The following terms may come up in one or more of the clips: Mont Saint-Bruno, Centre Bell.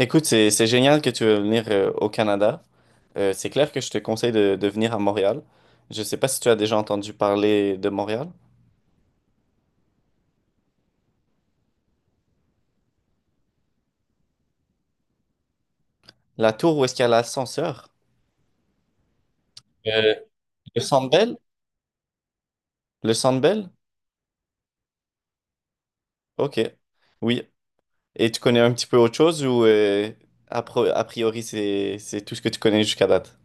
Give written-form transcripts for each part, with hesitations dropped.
Écoute, c'est génial que tu veux venir au Canada. C'est clair que je te conseille de venir à Montréal. Je sais pas si tu as déjà entendu parler de Montréal. La tour où est-ce qu'il y a l'ascenseur? Euh, Le Centre Bell? Le Centre Bell? Ok. Oui. Et tu connais un petit peu autre chose ou a priori c'est tout ce que tu connais jusqu'à date?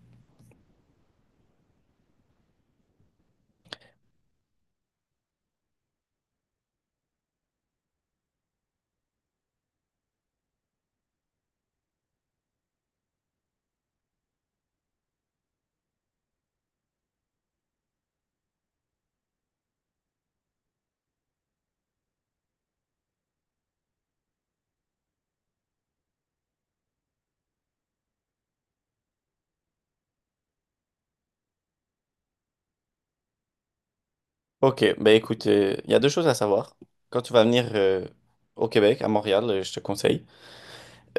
Ok, ben écoute, il y a deux choses à savoir. Quand tu vas venir au Québec, à Montréal, je te conseille.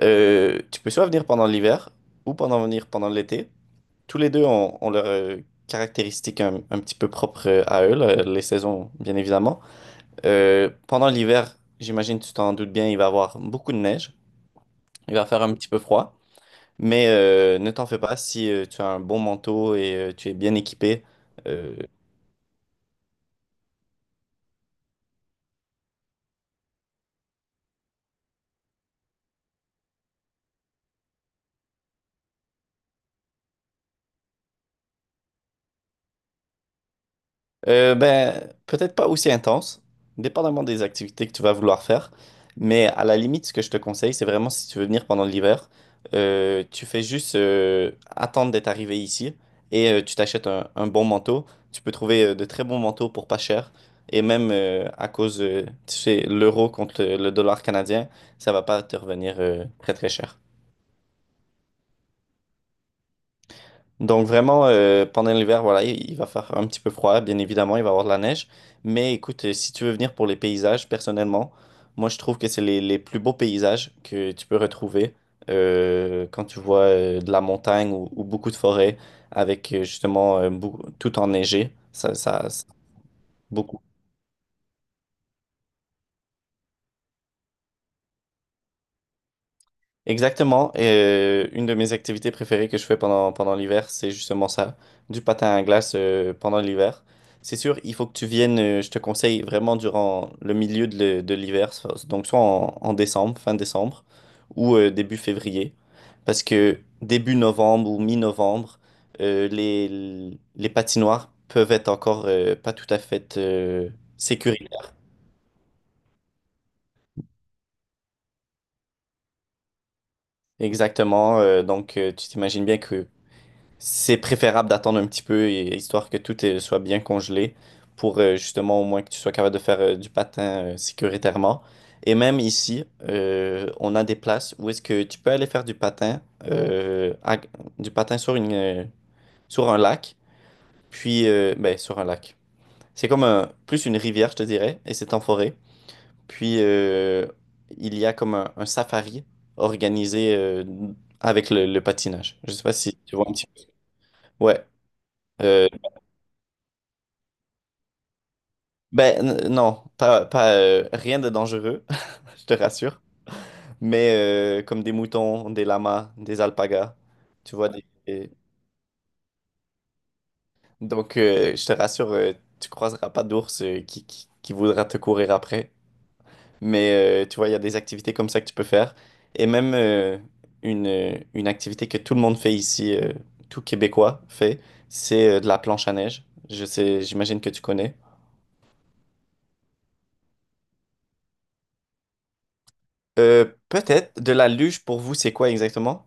Tu peux soit venir pendant l'hiver ou pendant venir pendant l'été. Tous les deux ont leurs caractéristiques un petit peu propres à eux, là, les saisons, bien évidemment. Pendant l'hiver, j'imagine, tu t'en doutes bien, il va avoir beaucoup de neige. Il va faire un petit peu froid. Mais ne t'en fais pas si tu as un bon manteau et tu es bien équipé. euh, ben, peut-être pas aussi intense, dépendamment des activités que tu vas vouloir faire. Mais à la limite, ce que je te conseille, c'est vraiment si tu veux venir pendant l'hiver, tu fais juste attendre d'être arrivé ici et tu t'achètes un bon manteau. Tu peux trouver de très bons manteaux pour pas cher. Et même à cause, tu sais, l'euro contre le dollar canadien, ça va pas te revenir très très cher. Donc vraiment, pendant l'hiver, voilà, il va faire un petit peu froid, bien évidemment, il va y avoir de la neige. Mais écoute, si tu veux venir pour les paysages, personnellement, moi je trouve que c'est les plus beaux paysages que tu peux retrouver quand tu vois de la montagne ou beaucoup de forêts avec justement tout enneigé. Beaucoup. Exactement. Et une de mes activités préférées que je fais pendant l'hiver, c'est justement ça, du patin à glace pendant l'hiver. C'est sûr, il faut que tu viennes, je te conseille vraiment durant le milieu de l'hiver, donc soit en décembre, fin décembre, ou début février. Parce que début novembre ou mi-novembre, les patinoires peuvent être encore pas tout à fait sécuritaires. Exactement. Donc, tu t'imagines bien que c'est préférable d'attendre un petit peu, histoire que tout soit bien congelé, pour justement au moins que tu sois capable de faire du patin sécuritairement. Et même ici, on a des places où est-ce que tu peux aller faire du patin, du patin sur un lac, puis ben, sur un lac. C'est comme plus une rivière, je te dirais, et c'est en forêt. Puis il y a comme un safari organisé avec le patinage. Je sais pas si tu vois un petit peu. Ouais. euh, Ben non, pas rien de dangereux, je te rassure. Mais comme des moutons, des lamas, des alpagas, tu vois. Donc je te rassure, tu croiseras pas d'ours qui voudra te courir après. Mais tu vois, il y a des activités comme ça que tu peux faire. Et même une activité que tout le monde fait ici, tout Québécois fait, c'est de la planche à neige. Je sais, j'imagine que tu connais. Peut-être de la luge pour vous, c'est quoi exactement?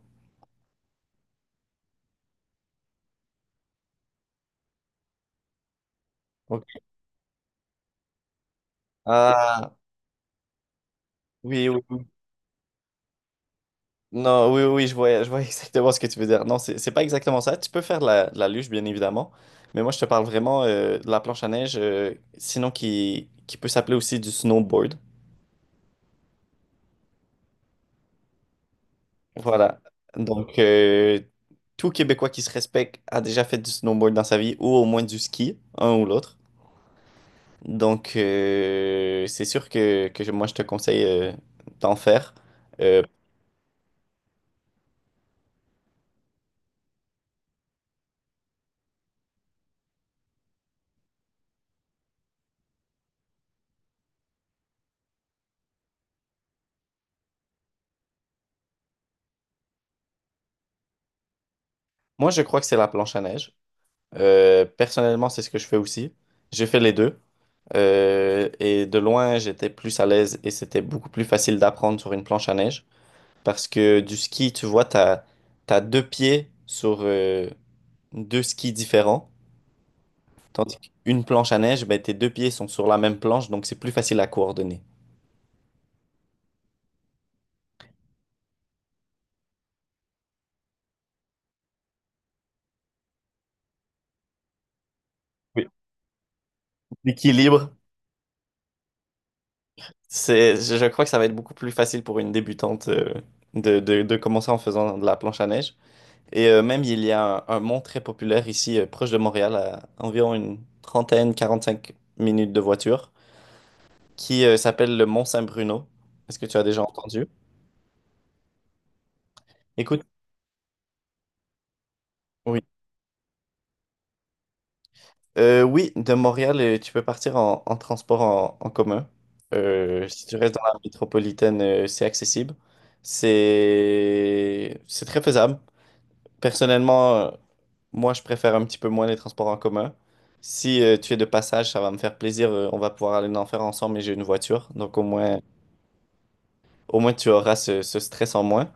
Ah, oui, oui. Oui. Non, oui, oui, je vois exactement ce que tu veux dire. Non, c'est pas exactement ça. Tu peux faire de la luge, bien évidemment, mais moi, je te parle vraiment de la planche à neige, sinon qui peut s'appeler aussi du snowboard. Voilà. Donc, tout Québécois qui se respecte a déjà fait du snowboard dans sa vie, ou au moins du ski, un ou l'autre. Donc, c'est sûr que moi, je te conseille d'en faire. Euh, moi, je crois que c'est la planche à neige. Personnellement, c'est ce que je fais aussi. J'ai fait les deux. Et de loin, j'étais plus à l'aise et c'était beaucoup plus facile d'apprendre sur une planche à neige. Parce que du ski, tu vois, t'as deux pieds sur deux skis différents. Tandis qu'une planche à neige, ben, tes deux pieds sont sur la même planche, donc c'est plus facile à coordonner. Oui. L'équilibre, c'est, je crois que ça va être beaucoup plus facile pour une débutante de commencer en faisant de la planche à neige. Et même, il y a un mont très populaire ici, proche de Montréal, à environ une trentaine, 45 minutes de voiture, qui s'appelle le Mont Saint-Bruno. Est-ce que tu as déjà entendu? Écoute, oui. Oui, de Montréal, tu peux partir en transport en commun. Si tu restes dans la métropolitaine, c'est accessible. C'est très faisable. Personnellement, moi, je préfère un petit peu moins les transports en commun. Si tu es de passage, ça va me faire plaisir. On va pouvoir aller en faire ensemble et j'ai une voiture. Donc au moins tu auras ce stress en moins.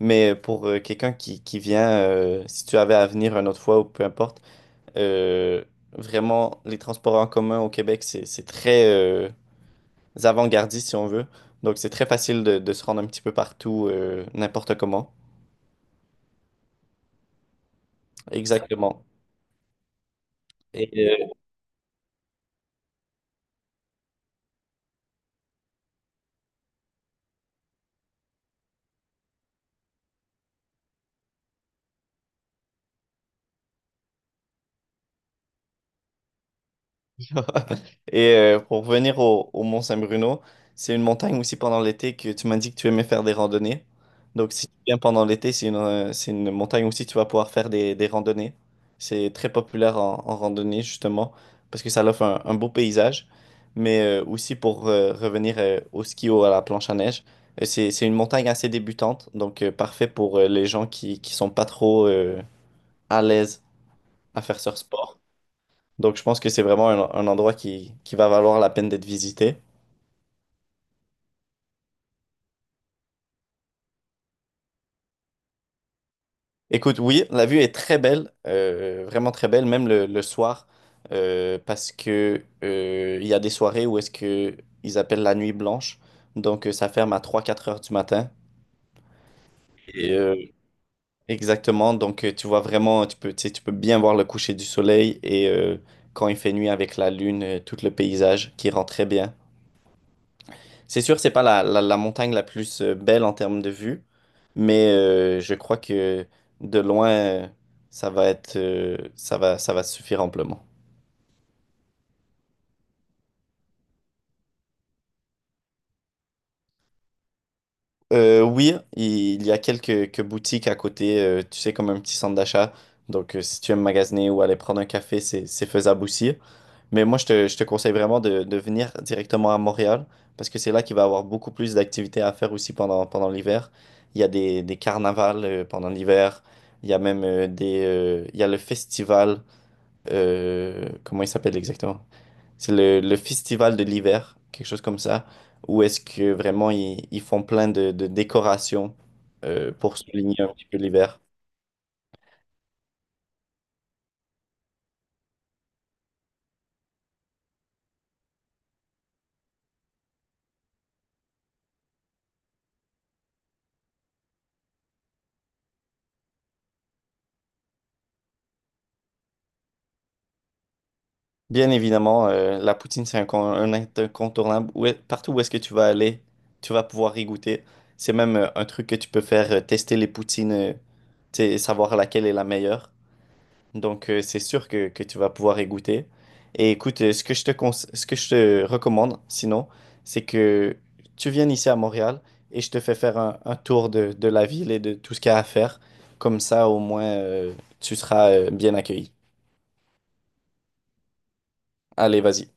Mais pour quelqu'un qui vient, si tu avais à venir une autre fois ou peu importe, euh, vraiment, les transports en commun au Québec, c'est très avant-gardiste si on veut. Donc c'est très facile de se rendre un petit peu partout, n'importe comment. Exactement. Et euh, Et pour revenir au Mont Saint-Bruno, c'est une montagne aussi pendant l'été que tu m'as dit que tu aimais faire des randonnées. Donc si tu viens pendant l'été, c'est une montagne aussi que tu vas pouvoir faire des randonnées. C'est très populaire en randonnée justement parce que ça offre un beau paysage. Mais aussi pour revenir au ski ou à la planche à neige, c'est une montagne assez débutante, donc parfait pour les gens qui sont pas trop à l'aise à faire ce sport. Donc, je pense que c'est vraiment un endroit qui va valoir la peine d'être visité. Écoute, oui, la vue est très belle, vraiment très belle, même le soir, parce que il y a des soirées où est-ce que ils appellent la nuit blanche. Donc, ça ferme à 3 ou 4 heures du matin. Et, exactement. Donc, tu vois vraiment, tu peux, tu sais, tu peux bien voir le coucher du soleil et quand il fait nuit avec la lune, tout le paysage qui rend très bien. C'est sûr, c'est pas la montagne la plus belle en termes de vue, mais je crois que de loin, ça va être, ça va suffire amplement. Oui, il y a quelques boutiques à côté, tu sais, comme un petit centre d'achat. Donc, si tu aimes magasiner ou aller prendre un café, c'est faisable aussi. Mais moi, je te conseille vraiment de venir directement à Montréal parce que c'est là qu'il va y avoir beaucoup plus d'activités à faire aussi pendant l'hiver. Il y a des carnavals pendant l'hiver. Il y a même des, il y a le festival. Comment il s'appelle exactement? C'est le festival de l'hiver, quelque chose comme ça, où est-ce que vraiment ils font plein de décorations pour souligner un petit peu l'hiver. Bien évidemment, la poutine, c'est un incontournable. Partout où est-ce que tu vas aller, tu vas pouvoir y goûter. C'est même un truc que tu peux faire, tester les poutines, tu sais, savoir laquelle est la meilleure. Donc, c'est sûr que tu vas pouvoir y goûter. Et écoute, ce que je te recommande, sinon, c'est que tu viennes ici à Montréal et je te fais faire un tour de la ville et de tout ce qu'il y a à faire. Comme ça, au moins, tu seras, bien accueilli. Allez, vas-y.